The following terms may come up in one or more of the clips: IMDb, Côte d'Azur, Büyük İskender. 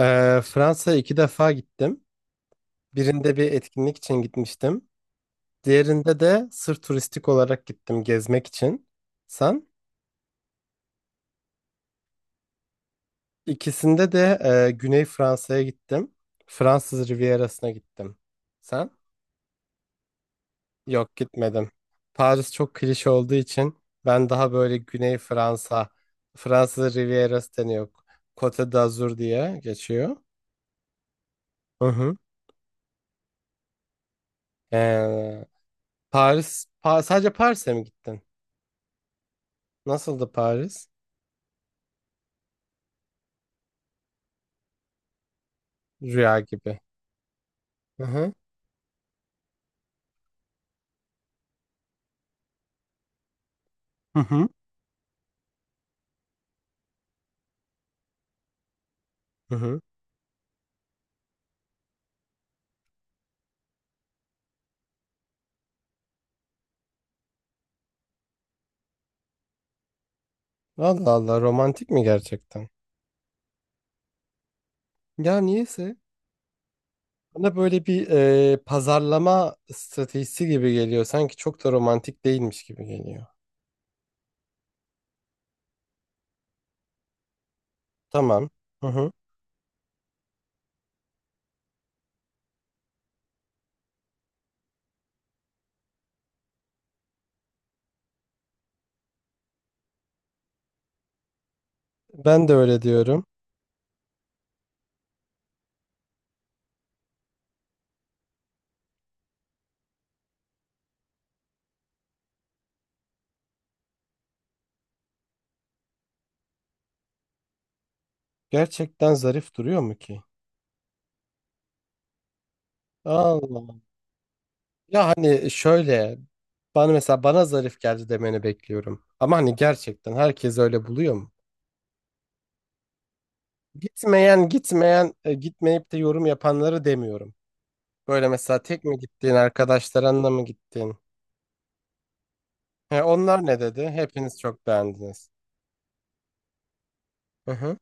Fransa'ya 2 defa gittim. Birinde bir etkinlik için gitmiştim. Diğerinde de sırf turistik olarak gittim gezmek için. Sen? İkisinde de Güney Fransa'ya gittim. Fransız Rivierası'na gittim. Sen? Yok, gitmedim. Paris çok klişe olduğu için ben daha böyle Güney Fransa, Fransız Rivierası deniyor. Côte d'Azur diye geçiyor. Hı hı. Ee, sadece Paris'e mi gittin? Nasıldı Paris? Rüya gibi. Hı hı. Hı hı. Hı hı. Allah Allah, romantik mi gerçekten? Ya niyeyse bana böyle bir pazarlama stratejisi gibi geliyor. Sanki çok da romantik değilmiş gibi geliyor. Tamam. Hı hı. Ben de öyle diyorum. Gerçekten zarif duruyor mu ki? Allah. Ya hani şöyle bana zarif geldi demeni bekliyorum. Ama hani gerçekten herkes öyle buluyor mu? Gitmeyip de yorum yapanları demiyorum. Böyle mesela tek mi gittiğin, arkadaşlarınla mı gittin? He, onlar ne dedi? Hepiniz çok beğendiniz. Hı hı.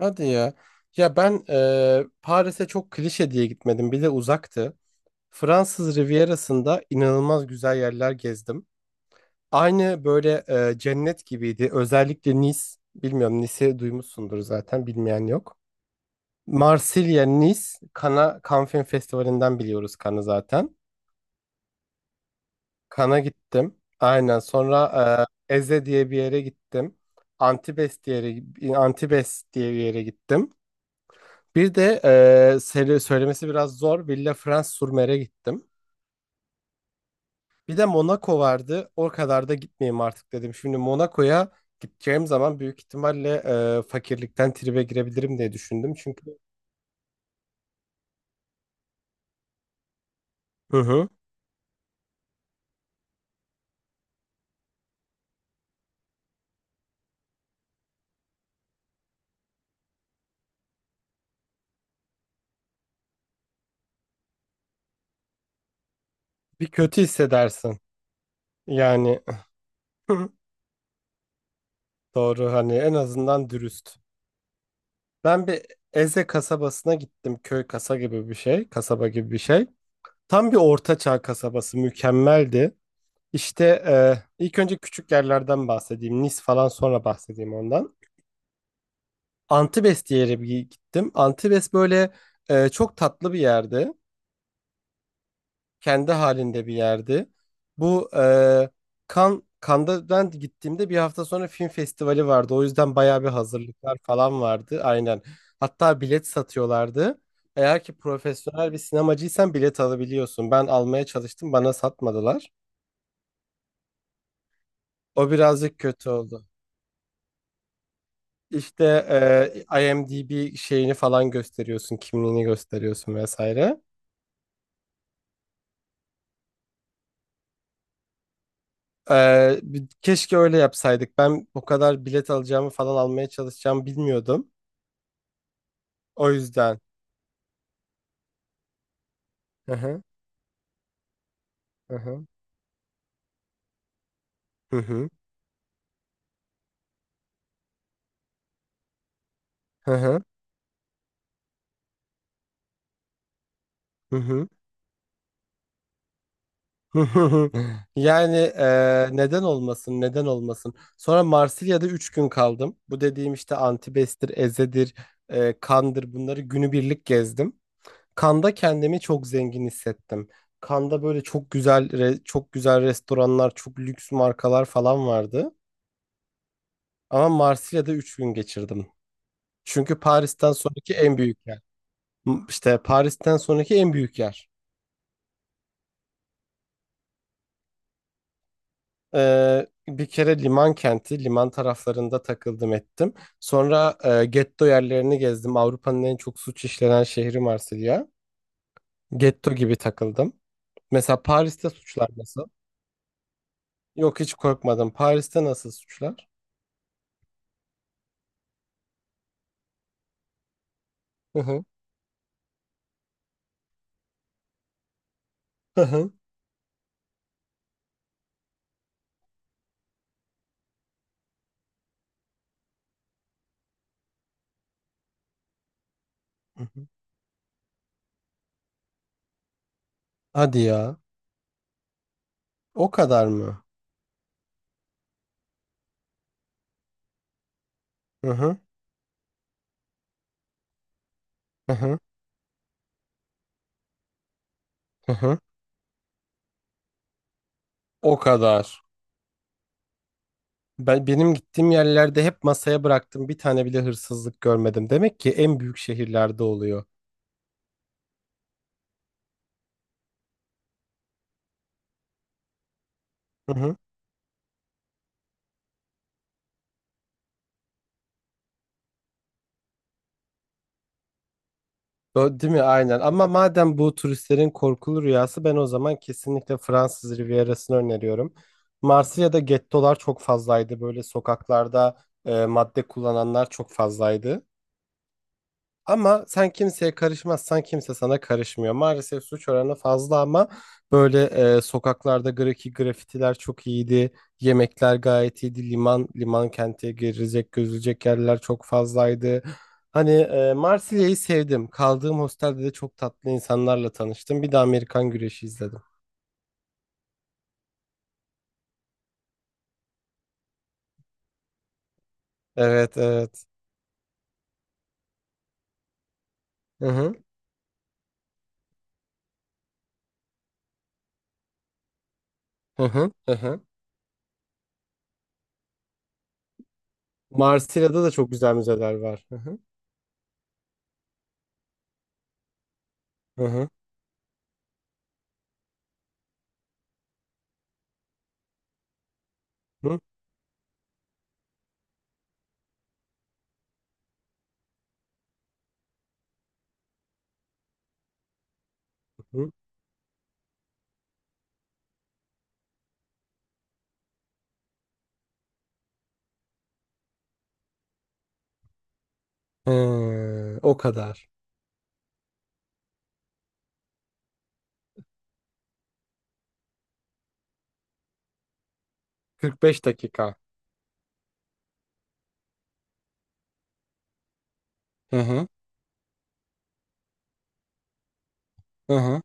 Hadi ya. Ya ben Paris'e çok klişe diye gitmedim. Bir de uzaktı. Fransız Rivierası'nda inanılmaz güzel yerler gezdim. Aynı böyle cennet gibiydi. Özellikle Nice. Bilmiyorum, Nice'i duymuşsundur zaten. Bilmeyen yok. Marsilya, Nice. Cannes Film Festivali'nden biliyoruz Cannes'ı zaten. Kan'a gittim. Aynen. Sonra Eze diye bir yere gittim. Antibes diye Antibes diye bir yere gittim. Bir de söylemesi biraz zor. Villefranche-sur-Mer'e gittim. Bir de Monaco vardı. O kadar da gitmeyeyim artık dedim. Şimdi Monaco'ya gideceğim zaman büyük ihtimalle fakirlikten tribe girebilirim diye düşündüm. Çünkü. Hı hı. Bir kötü hissedersin. Yani doğru, hani en azından dürüst. Ben bir Eze kasabasına gittim. Köy kasa gibi bir şey. Kasaba gibi bir şey. Tam bir orta çağ kasabası. Mükemmeldi. İşte ilk önce küçük yerlerden bahsedeyim. Nis falan sonra bahsedeyim ondan. Antibes diye bir yere bir gittim. Antibes böyle çok tatlı bir yerdi, kendi halinde bir yerdi. Bu e, Kan Cannes'da ben gittiğimde bir hafta sonra film festivali vardı. O yüzden bayağı bir hazırlıklar falan vardı. Aynen. Hatta bilet satıyorlardı. Eğer ki profesyonel bir sinemacıysan bilet alabiliyorsun. Ben almaya çalıştım, bana satmadılar. O birazcık kötü oldu. İşte IMDb şeyini falan gösteriyorsun, kimliğini gösteriyorsun vesaire. Keşke öyle yapsaydık. Ben o kadar bilet alacağımı falan almaya çalışacağımı bilmiyordum. O yüzden. Hı hı. Hı hı. Hı hı. Hı hı. Hı hı. hı hı. Yani neden olmasın, neden olmasın. Sonra Marsilya'da 3 gün kaldım. Bu dediğim işte Antibes'tir, Eze'dir, Kan'dır, bunları günübirlik gezdim. Kan'da kendimi çok zengin hissettim. Kan'da böyle çok güzel restoranlar, çok lüks markalar falan vardı. Ama Marsilya'da 3 gün geçirdim. Çünkü Paris'ten sonraki en büyük yer. İşte Paris'ten sonraki en büyük yer. Bir kere liman kenti, liman taraflarında takıldım ettim. Sonra getto yerlerini gezdim. Avrupa'nın en çok suç işlenen şehri Marsilya. Getto gibi takıldım. Mesela Paris'te suçlar nasıl? Yok, hiç korkmadım. Paris'te nasıl suçlar? Hı hı. Hı hı. Hı hı. Hadi ya. O kadar mı? Hı hı. Hı hı. Hı hı. O kadar. Benim gittiğim yerlerde hep masaya bıraktım. Bir tane bile hırsızlık görmedim. Demek ki en büyük şehirlerde oluyor. Hı hı. O, değil mi? Aynen. Ama madem bu turistlerin korkulu rüyası, ben o zaman kesinlikle Fransız Rivierası'nı öneriyorum. Marsilya'da gettolar çok fazlaydı. Böyle sokaklarda madde kullananlar çok fazlaydı. Ama sen kimseye karışmazsan, kimse sana karışmıyor. Maalesef suç oranı fazla ama böyle sokaklarda grafitiler çok iyiydi. Yemekler gayet iyiydi. Liman kente girecek gözülecek yerler çok fazlaydı. Hani Marsilya'yı sevdim. Kaldığım hostelde de çok tatlı insanlarla tanıştım. Bir de Amerikan güreşi izledim. Evet, evet. Hı hı, hı hı, hı hı. Marsilya'da da çok güzel müzeler var. Hı hı, hı hı, hı hı. Hı. O kadar. 45 dakika. Hı hı. Hı hı.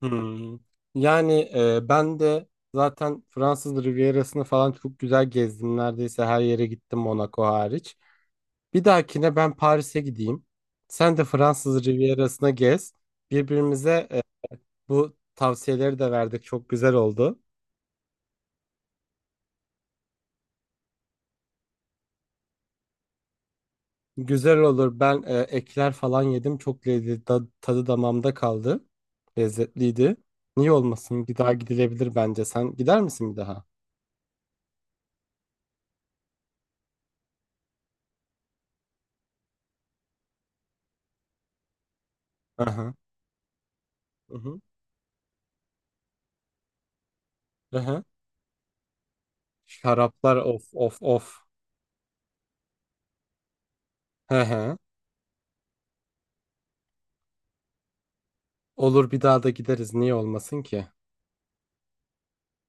Hmm. Yani ben de zaten Fransız Rivierası'nı falan çok güzel gezdim. Neredeyse her yere gittim, Monaco hariç. Bir dahakine ben Paris'e gideyim. Sen de Fransız Rivierası'na gez. Birbirimize bu tavsiyeleri de verdik. Çok güzel oldu. Güzel olur. Ben ekler falan yedim. Çok lezzetli. Tadı damağımda kaldı. Lezzetliydi. Niye olmasın? Bir daha gidilebilir bence. Sen gider misin bir daha? Aha. Hı hı. Hı. Hı hı. Şaraplar of of of. Hı hı. Olur, bir daha da gideriz. Niye olmasın ki?